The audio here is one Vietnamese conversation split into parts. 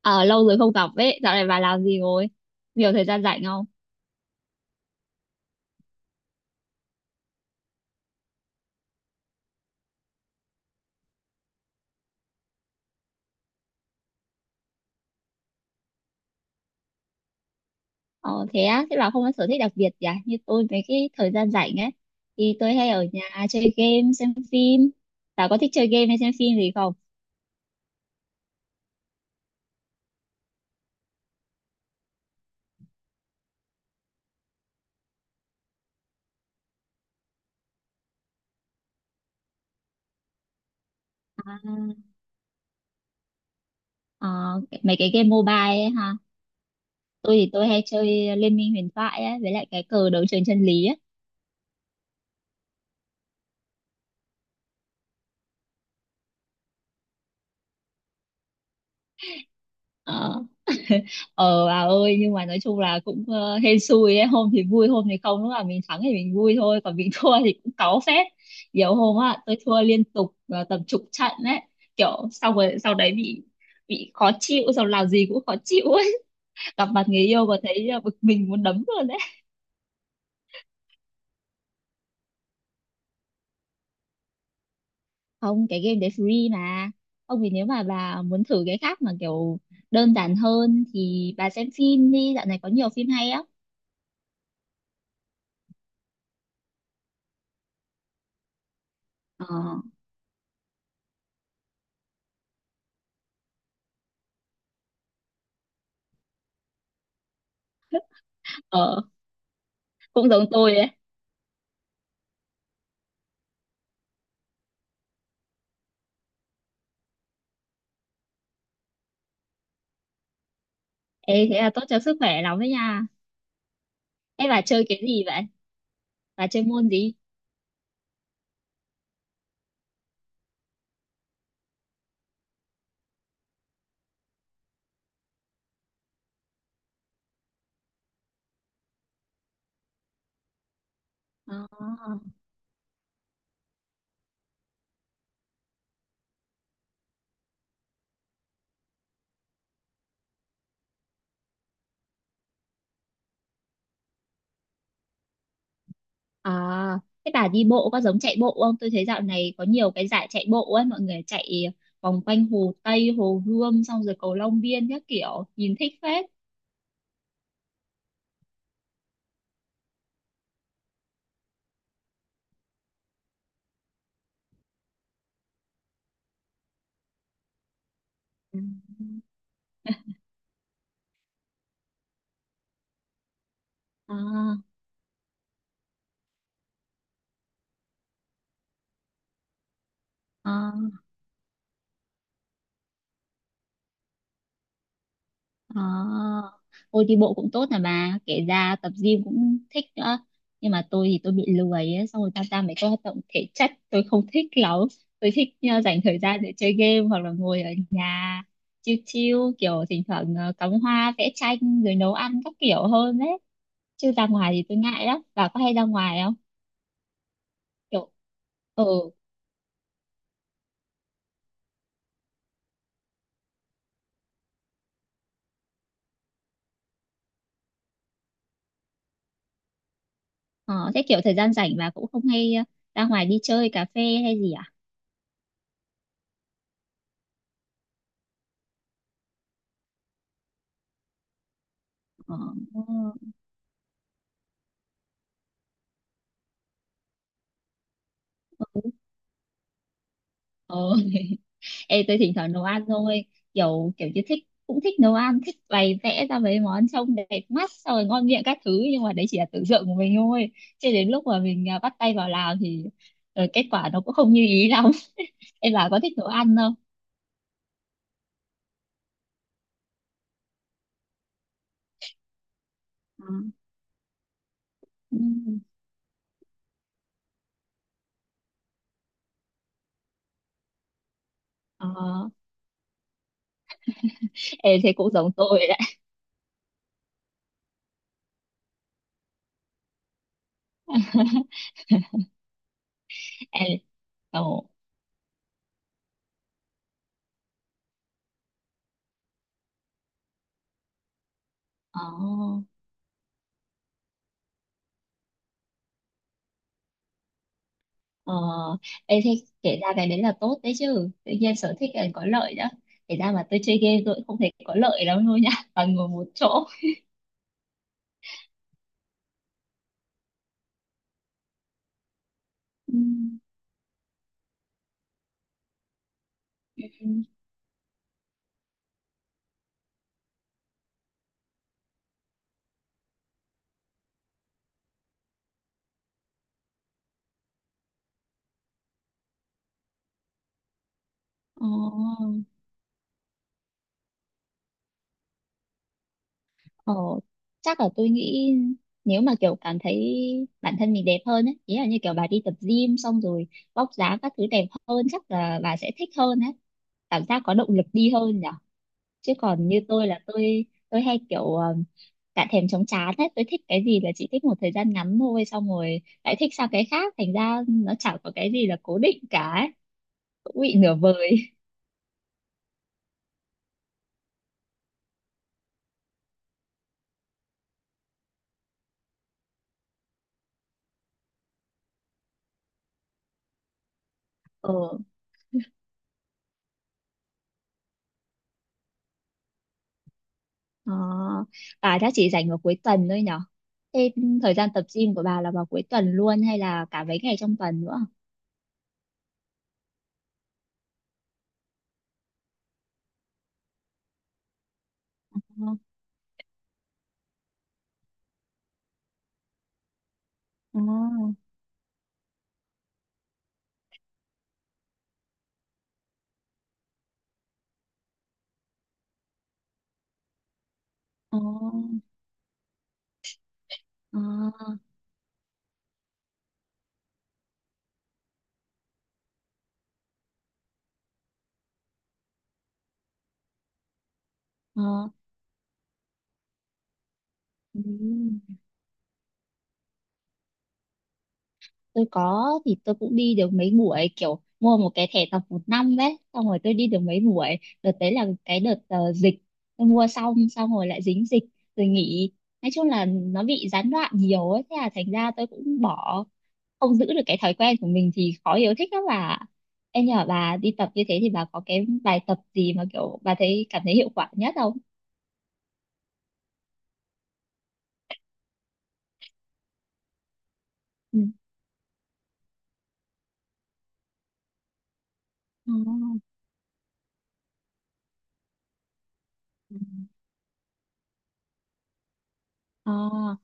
Ờ, Lâu rồi không gặp ấy, dạo này bà làm gì rồi? Nhiều thời gian rảnh không? Ờ, Thế á, thế bà không có sở thích đặc biệt gì à? Như tôi mấy cái thời gian rảnh ấy, thì tôi hay ở nhà chơi game, xem phim. Bà có thích chơi game hay xem phim gì không? Ờ, Mấy cái game mobile ấy ha. Tôi thì tôi hay chơi Liên minh huyền thoại ấy, với lại cái cờ đấu trường chân lý ấy. ờ bà ơi, nhưng mà nói chung là cũng hên xui ấy, hôm thì vui hôm thì không, lúc nào mình thắng thì mình vui thôi, còn mình thua thì cũng cáu phết. Nhiều hôm á, tôi thua liên tục tầm chục trận đấy. Kiểu sau rồi sau đấy bị khó chịu, xong làm gì cũng khó chịu ấy. Gặp mặt người yêu mà thấy bực mình muốn đấm luôn đấy. Không, cái game đấy free mà. Ông thì nếu mà bà muốn thử cái khác mà kiểu đơn giản hơn thì bà xem phim đi, dạo này có nhiều phim hay á. Ờ ờ cũng giống tôi ấy. Ê, thế là tốt cho sức khỏe lắm đấy nha. Ê, bà chơi cái gì vậy? Bà chơi môn gì? À, à, thế bà đi bộ có giống chạy bộ không? Tôi thấy dạo này có nhiều cái giải chạy bộ ấy, mọi người chạy vòng quanh Hồ Tây, Hồ Gươm, xong rồi cầu Long Biên các kiểu, nhìn thích phết. Ừ. À, à. À, ôi đi bộ cũng tốt, là bà kể ra tập gym cũng thích nữa, nhưng mà tôi thì tôi bị lười ấy, xong rồi tham gia mấy cái hoạt động thể chất tôi không thích lắm, tôi thích dành thời gian để chơi game hoặc là ngồi ở nhà chill chill, kiểu thỉnh thoảng cắm hoa vẽ tranh rồi nấu ăn các kiểu hơn đấy, chứ ra ngoài thì tôi ngại lắm. Bà có hay ra ngoài không? Kiểu ừ. Ờ, Thế kiểu thời gian rảnh bà cũng không hay ra ngoài đi chơi cà phê hay gì à? Ờ ừ. Ê, tôi thỉnh thoảng nấu ăn thôi, kiểu kiểu như thích cũng thích nấu ăn, thích bày vẽ ra mấy món trông đẹp mắt xong rồi ngon miệng các thứ, nhưng mà đấy chỉ là tưởng tượng của mình thôi. Chứ đến lúc mà mình à, bắt tay vào làm thì kết quả nó cũng không như ý lắm. Em, bà có thích nấu ăn không? Ừ. Ừ. ờ ê, thế cũng giống tôi đấy. Ê, ồ, ờ ờ ê, thế kể ra cái đấy là tốt đấy chứ, tự nhiên sở thích là có lợi đó. Kể ra mà tôi chơi game tôi cũng không thấy có lợi lắm luôn nhá, toàn ngồi một chỗ. Ừ. Ồ, ồ, chắc là tôi nghĩ nếu mà kiểu cảm thấy bản thân mình đẹp hơn ấy, ý là như kiểu bà đi tập gym xong rồi vóc dáng các thứ đẹp hơn chắc là bà sẽ thích hơn ấy. Cảm giác có động lực đi hơn nhở. Chứ còn như tôi là tôi hay kiểu cả thèm chóng chán ấy, tôi thích cái gì là chỉ thích một thời gian ngắn thôi xong rồi lại thích sang cái khác thành ra nó chẳng có cái gì là cố định cả ấy. Cũng bị nửa vời. Ờ Ờ, bà chắc chỉ rảnh vào cuối tuần thôi nhở? Thế thời gian tập gym của bà là vào cuối tuần luôn hay là cả mấy ngày trong tuần nữa? Ờ, ờ, ờ, ờ, ờ. Ừ. Tôi có thì tôi cũng đi được mấy buổi, kiểu mua một cái thẻ tập một năm đấy xong rồi tôi đi được mấy buổi. Đợt đấy là cái đợt dịch, tôi mua xong, xong rồi lại dính dịch rồi nghỉ. Nói chung là nó bị gián đoạn nhiều ấy, thế là thành ra tôi cũng bỏ, không giữ được cái thói quen của mình thì khó yêu thích lắm bà. Em nhờ bà đi tập như thế thì bà có cái bài tập gì mà kiểu bà thấy cảm thấy hiệu quả nhất không? Ừ. Ừ. À,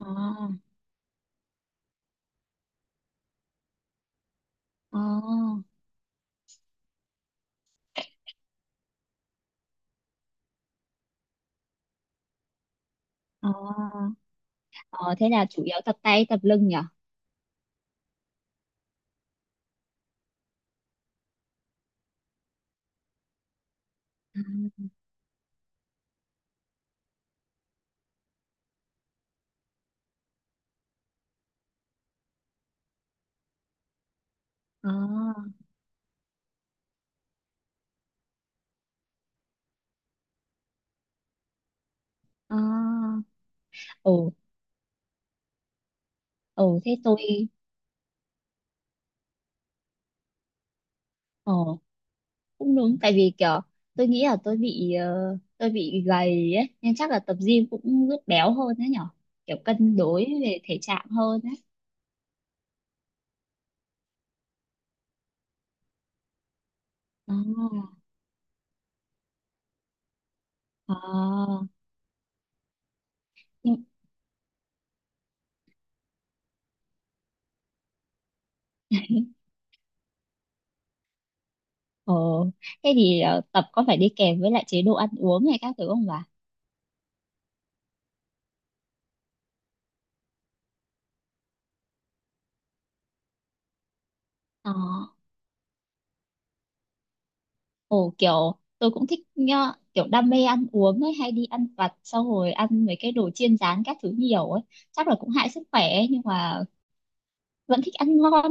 à, à, à. Thế là chủ yếu tập tay tập lưng nhỉ? À, à, à. Ồ, thế tôi, ồ cũng đúng tại vì kiểu tôi nghĩ là tôi bị gầy ấy nên chắc là tập gym cũng giúp béo hơn đấy nhở. Kiểu cân đối về thể trạng hơn đấy. À, à. Nhưng, ồ Thế thì tập có phải đi kèm với lại chế độ ăn uống hay các thứ không bà? Ờ Ồ kiểu tôi cũng thích nhá, kiểu đam mê ăn uống ấy, hay đi ăn vặt xong rồi ăn mấy cái đồ chiên rán các thứ nhiều ấy, chắc là cũng hại sức khỏe ấy, nhưng mà vẫn thích ăn ngon.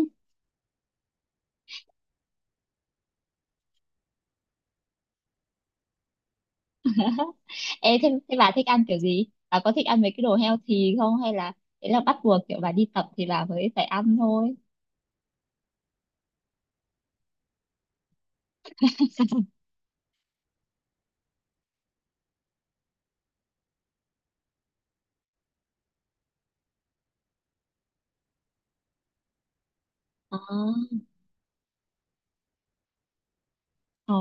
Ê, thế bà thích ăn kiểu gì? Bà có thích ăn mấy cái đồ healthy không? Hay là đấy là bắt buộc kiểu bà đi tập thì bà mới phải ăn thôi? Ờ ồ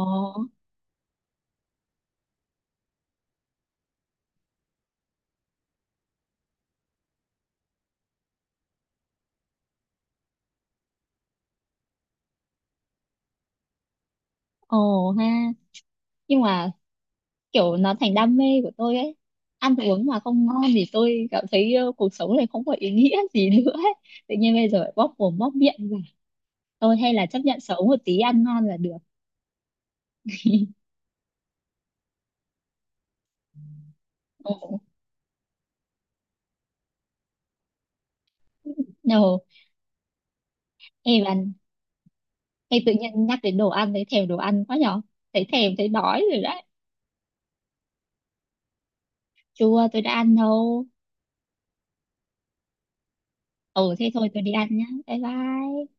ồ ha nhưng mà kiểu nó thành đam mê của tôi ấy, ăn uống mà không ngon thì tôi cảm thấy cuộc sống này không có ý nghĩa gì nữa ấy. Tự nhiên bây giờ lại bóp mồm bóp miệng. Thôi hay là chấp nhận xấu một tí ăn ngon là được. Ồ. No, em bạn, hay tự nhiên nhắc đến đồ ăn thấy thèm đồ ăn quá nhỏ. Thấy thèm thấy đói rồi đấy. Chua, tôi đã ăn đâu. Ừ thế thôi, tôi đi ăn nhá. Bye bye.